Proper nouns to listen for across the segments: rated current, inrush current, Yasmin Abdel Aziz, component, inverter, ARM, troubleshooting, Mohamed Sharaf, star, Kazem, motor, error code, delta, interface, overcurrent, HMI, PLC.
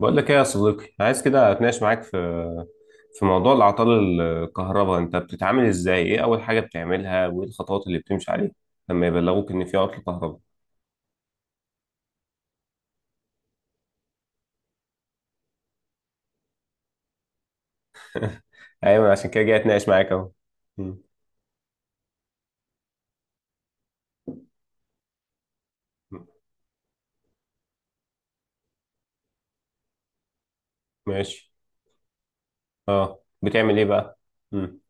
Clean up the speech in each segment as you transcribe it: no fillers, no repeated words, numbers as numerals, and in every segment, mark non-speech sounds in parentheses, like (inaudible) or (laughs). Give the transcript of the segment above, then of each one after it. بقول لك ايه يا صديقي، عايز كده اتناقش معاك في موضوع الاعطال الكهرباء. انت بتتعامل ازاي؟ ايه اول حاجه بتعملها وايه الخطوات اللي بتمشي عليها لما يبلغوك ان في عطل كهرباء؟ ايوه، عشان كده جاي اتناقش معاك اهو. مم. ماشي. اه، بتعمل ايه بقى؟ مم.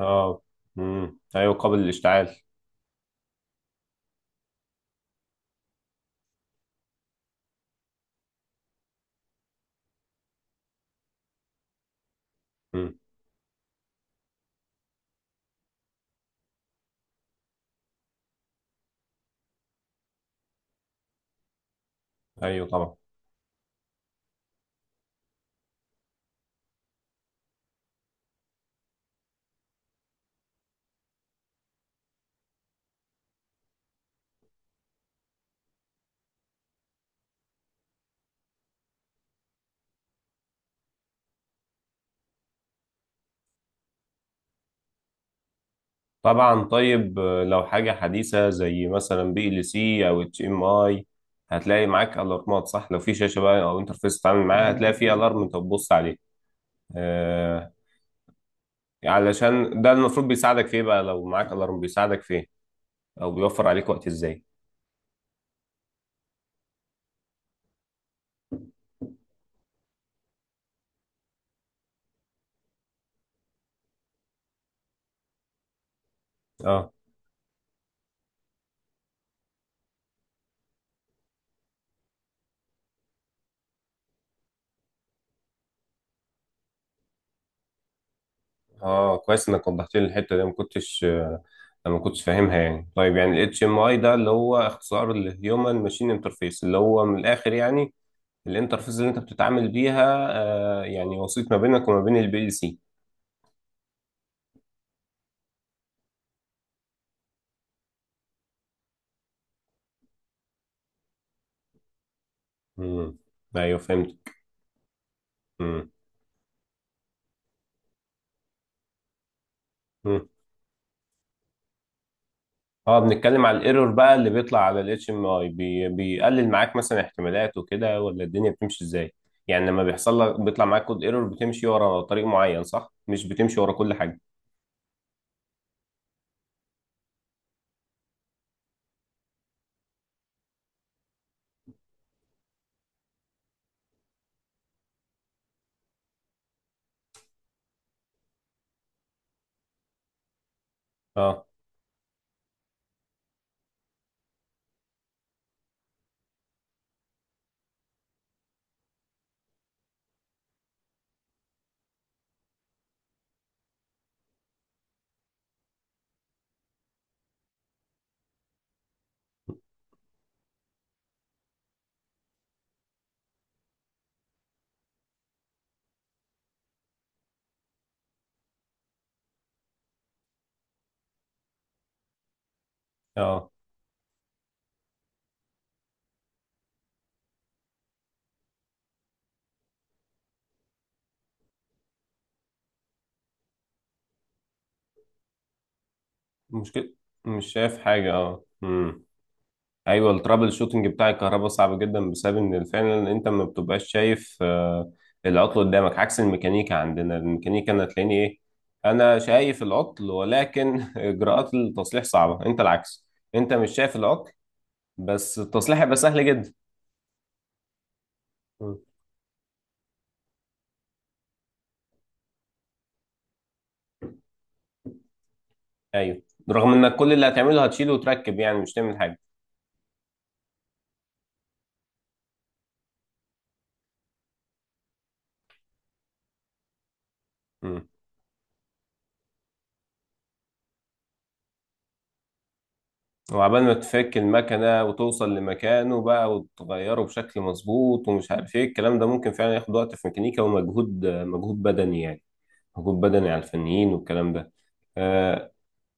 اه. مم. ايوه، قابل للاشتعال. مم. ايوه طبعا. طبعا. طيب، لو حاجه حديثه زي مثلا بي ال سي او اتش ام اي، هتلاقي معاك الارمات، صح؟ لو في شاشه بقى او انترفيس تتعامل معاها، هتلاقي في الارم انت بتبص عليه. آه، علشان ده المفروض بيساعدك في ايه بقى؟ لو معاك الارم بيساعدك في ايه او بيوفر عليك وقت ازاي؟ اه. اه، كويس انك وضحت لي الحته دي، ما كنتش آه، ما كنتش فاهمها يعني. طيب، يعني الاتش ام اي ده اللي هو اختصار الهيومن ماشين انترفيس، اللي هو من الاخر يعني الانترفيس اللي انت بتتعامل بيها، آه، يعني وسيط ما بينك وما بين البي ال سي. امم. ايوه، فهمت. امم. اه، بنتكلم على الايرور بقى اللي بيطلع على الاتش ام اي. بيقلل معاك مثلا احتمالات وكده، ولا الدنيا بتمشي ازاي؟ يعني لما بيحصل لك بيطلع معاك كود ايرور، بتمشي ورا طريق معين، صح؟ مش بتمشي ورا كل حاجه. اه. اه، مشكله. مش شايف حاجه. اه. امم. ايوه، الترابل شوتنج بتاع الكهرباء صعب جدا، بسبب ان فعلا انت ما بتبقاش شايف العطل قدامك، عكس الميكانيكا. عندنا الميكانيكا انا تلاقيني ايه؟ انا شايف العطل، ولكن (laughs) اجراءات التصليح صعبه. انت العكس، انت مش شايف العطل، بس التصليح هيبقى سهل جدا. مم. ايوه، رغم انك كل اللي هتعمله هتشيله وتركب، يعني مش تعمل حاجه. مم. وعبال ما تفك المكنه وتوصل لمكانه بقى وتغيره بشكل مظبوط ومش عارف ايه الكلام ده، ممكن فعلا ياخد وقت في ميكانيكا، ومجهود، مجهود بدني يعني. مجهود بدني على الفنيين والكلام ده. آه.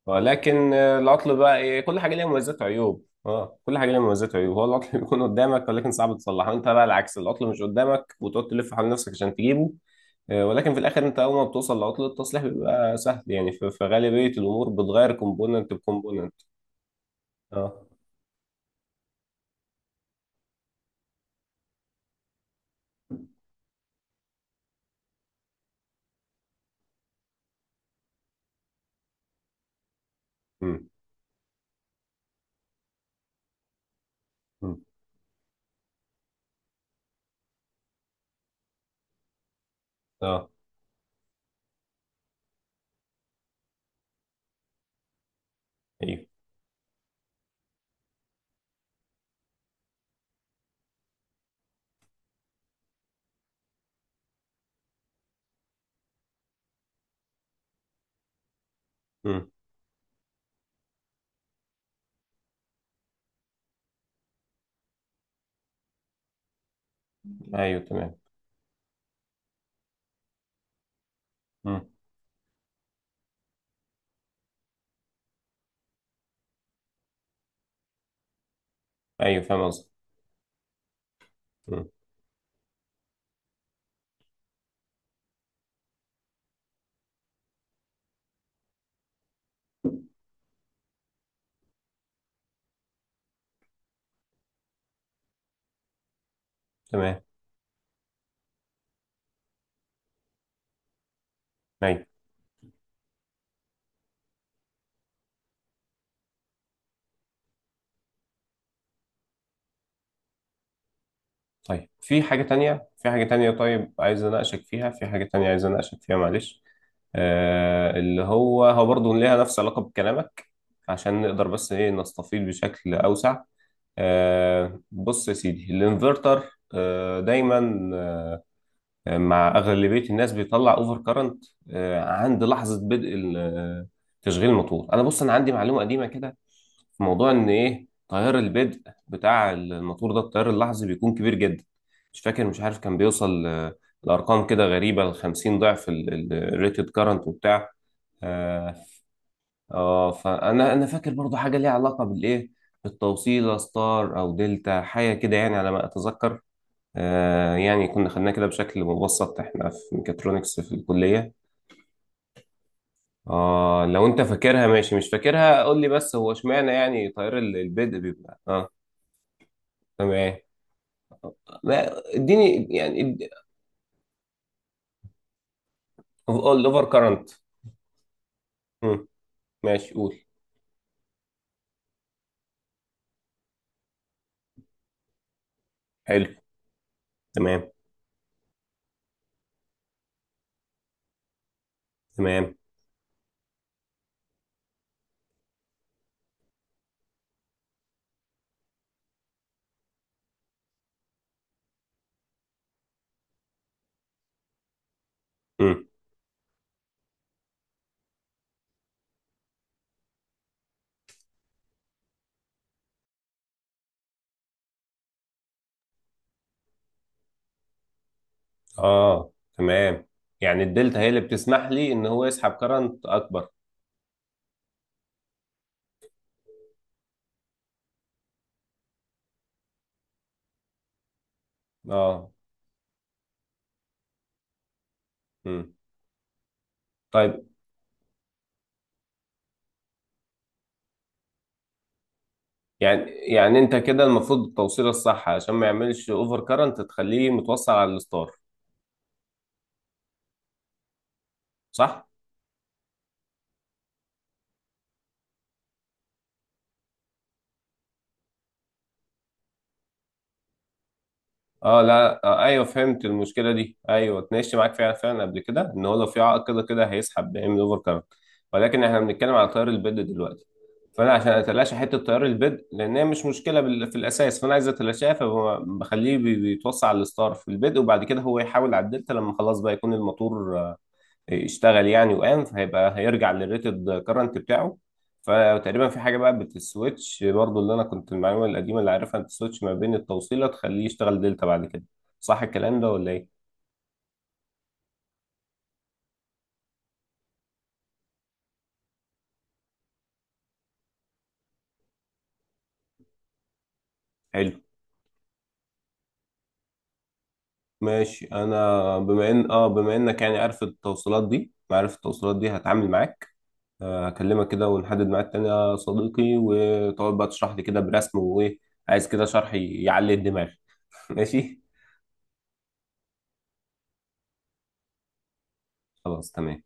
ولكن العطل بقى ايه؟ كل حاجه ليها مميزات وعيوب. اه، كل حاجه ليها مميزات وعيوب. هو العطل (laughs) بيكون قدامك ولكن صعب تصلحه. انت بقى العكس، العطل مش قدامك وتقعد تلف حول نفسك عشان تجيبه، ولكن في الاخر انت اول ما بتوصل لعطل التصليح بيبقى سهل، يعني في غالبيه الامور بتغير كومبوننت بكومبوننت. اه. امم. أمم. اه. ايوه. امم. ايوه تمام. امم. ايوه، فاهم قصدي. امم. تمام. ايوه. طيب، في حاجه تانية، في حاجه تانية، طيب عايز اناقشك فيها، في حاجه تانية عايز اناقشك فيها، معلش، آه اللي هو هو برضه ليها نفس علاقه بكلامك، عشان نقدر بس ايه نستفيض بشكل اوسع. آه، بص يا سيدي، الانفرتر آه دايما آه، مع اغلبيه الناس بيطلع اوفر كارنت عند لحظه بدء تشغيل الموتور. انا بص، انا عندي معلومه قديمه كده في موضوع ان ايه تيار البدء بتاع الموتور ده، التيار اللحظي بيكون كبير جدا. مش فاكر، مش عارف، كان بيوصل لارقام كده غريبه، ل 50 ضعف الريتد كارنت وبتاع. اه. فانا فاكر برضو حاجه ليها علاقه بالايه، بالتوصيله، ستار او دلتا، حاجه كده يعني على ما اتذكر. يعني كنا خدناها كده بشكل مبسط احنا في ميكاترونكس في الكلية. اه لو انت فاكرها ماشي، مش فاكرها قول لي. بس هو اشمعنى يعني تيار البدء بيبقى اه؟ تمام. اديني يعني الاوفر كارنت. ماشي، قول. حلو. تمام. تمام. مم. اه تمام. يعني الدلتا هي اللي بتسمح لي ان هو يسحب كارنت اكبر. اه. مم. طيب، يعني انت كده المفروض التوصيله الصح عشان ما يعملش اوفر كارنت تخليه متوصل على الستار، صح؟ اه لا آه ايوه، فهمت المشكله دي. ايوه اتناقشت معاك فعلا، فعلا قبل كده، ان هو لو في عائق كده كده هيسحب، بيعمل اوفر كارنت، ولكن احنا بنتكلم على تيار البيد دلوقتي. فانا عشان اتلاشى حته تيار البيد، لان هي مش مشكله في الاساس، فانا عايز اتلاشاها، فبخليه بيتوصل على الستار في البيد، وبعد كده هو يحاول على الدلتا لما خلاص بقى يكون الموتور اشتغل يعني وقام، فهيبقى هيرجع للريتد كرنت بتاعه. فتقريبا في حاجه بقى بتسويتش برضو، اللي انا كنت المعلومه القديمه اللي عارفها، بتسويتش ما بين التوصيله، تخليه يشتغل دلتا بعد كده، صح الكلام ده ولا ايه؟ حلو. ماشي، انا بما ان بما انك يعني عارف التوصيلات دي، عارف التوصيلات دي هتعامل معاك، هكلمك كده ونحدد ميعاد تاني يا صديقي، وتقعد بقى تشرح لي كده برسم وايه. عايز كده شرح يعلي الدماغ. (laughs) ماشي. خلاص تمام.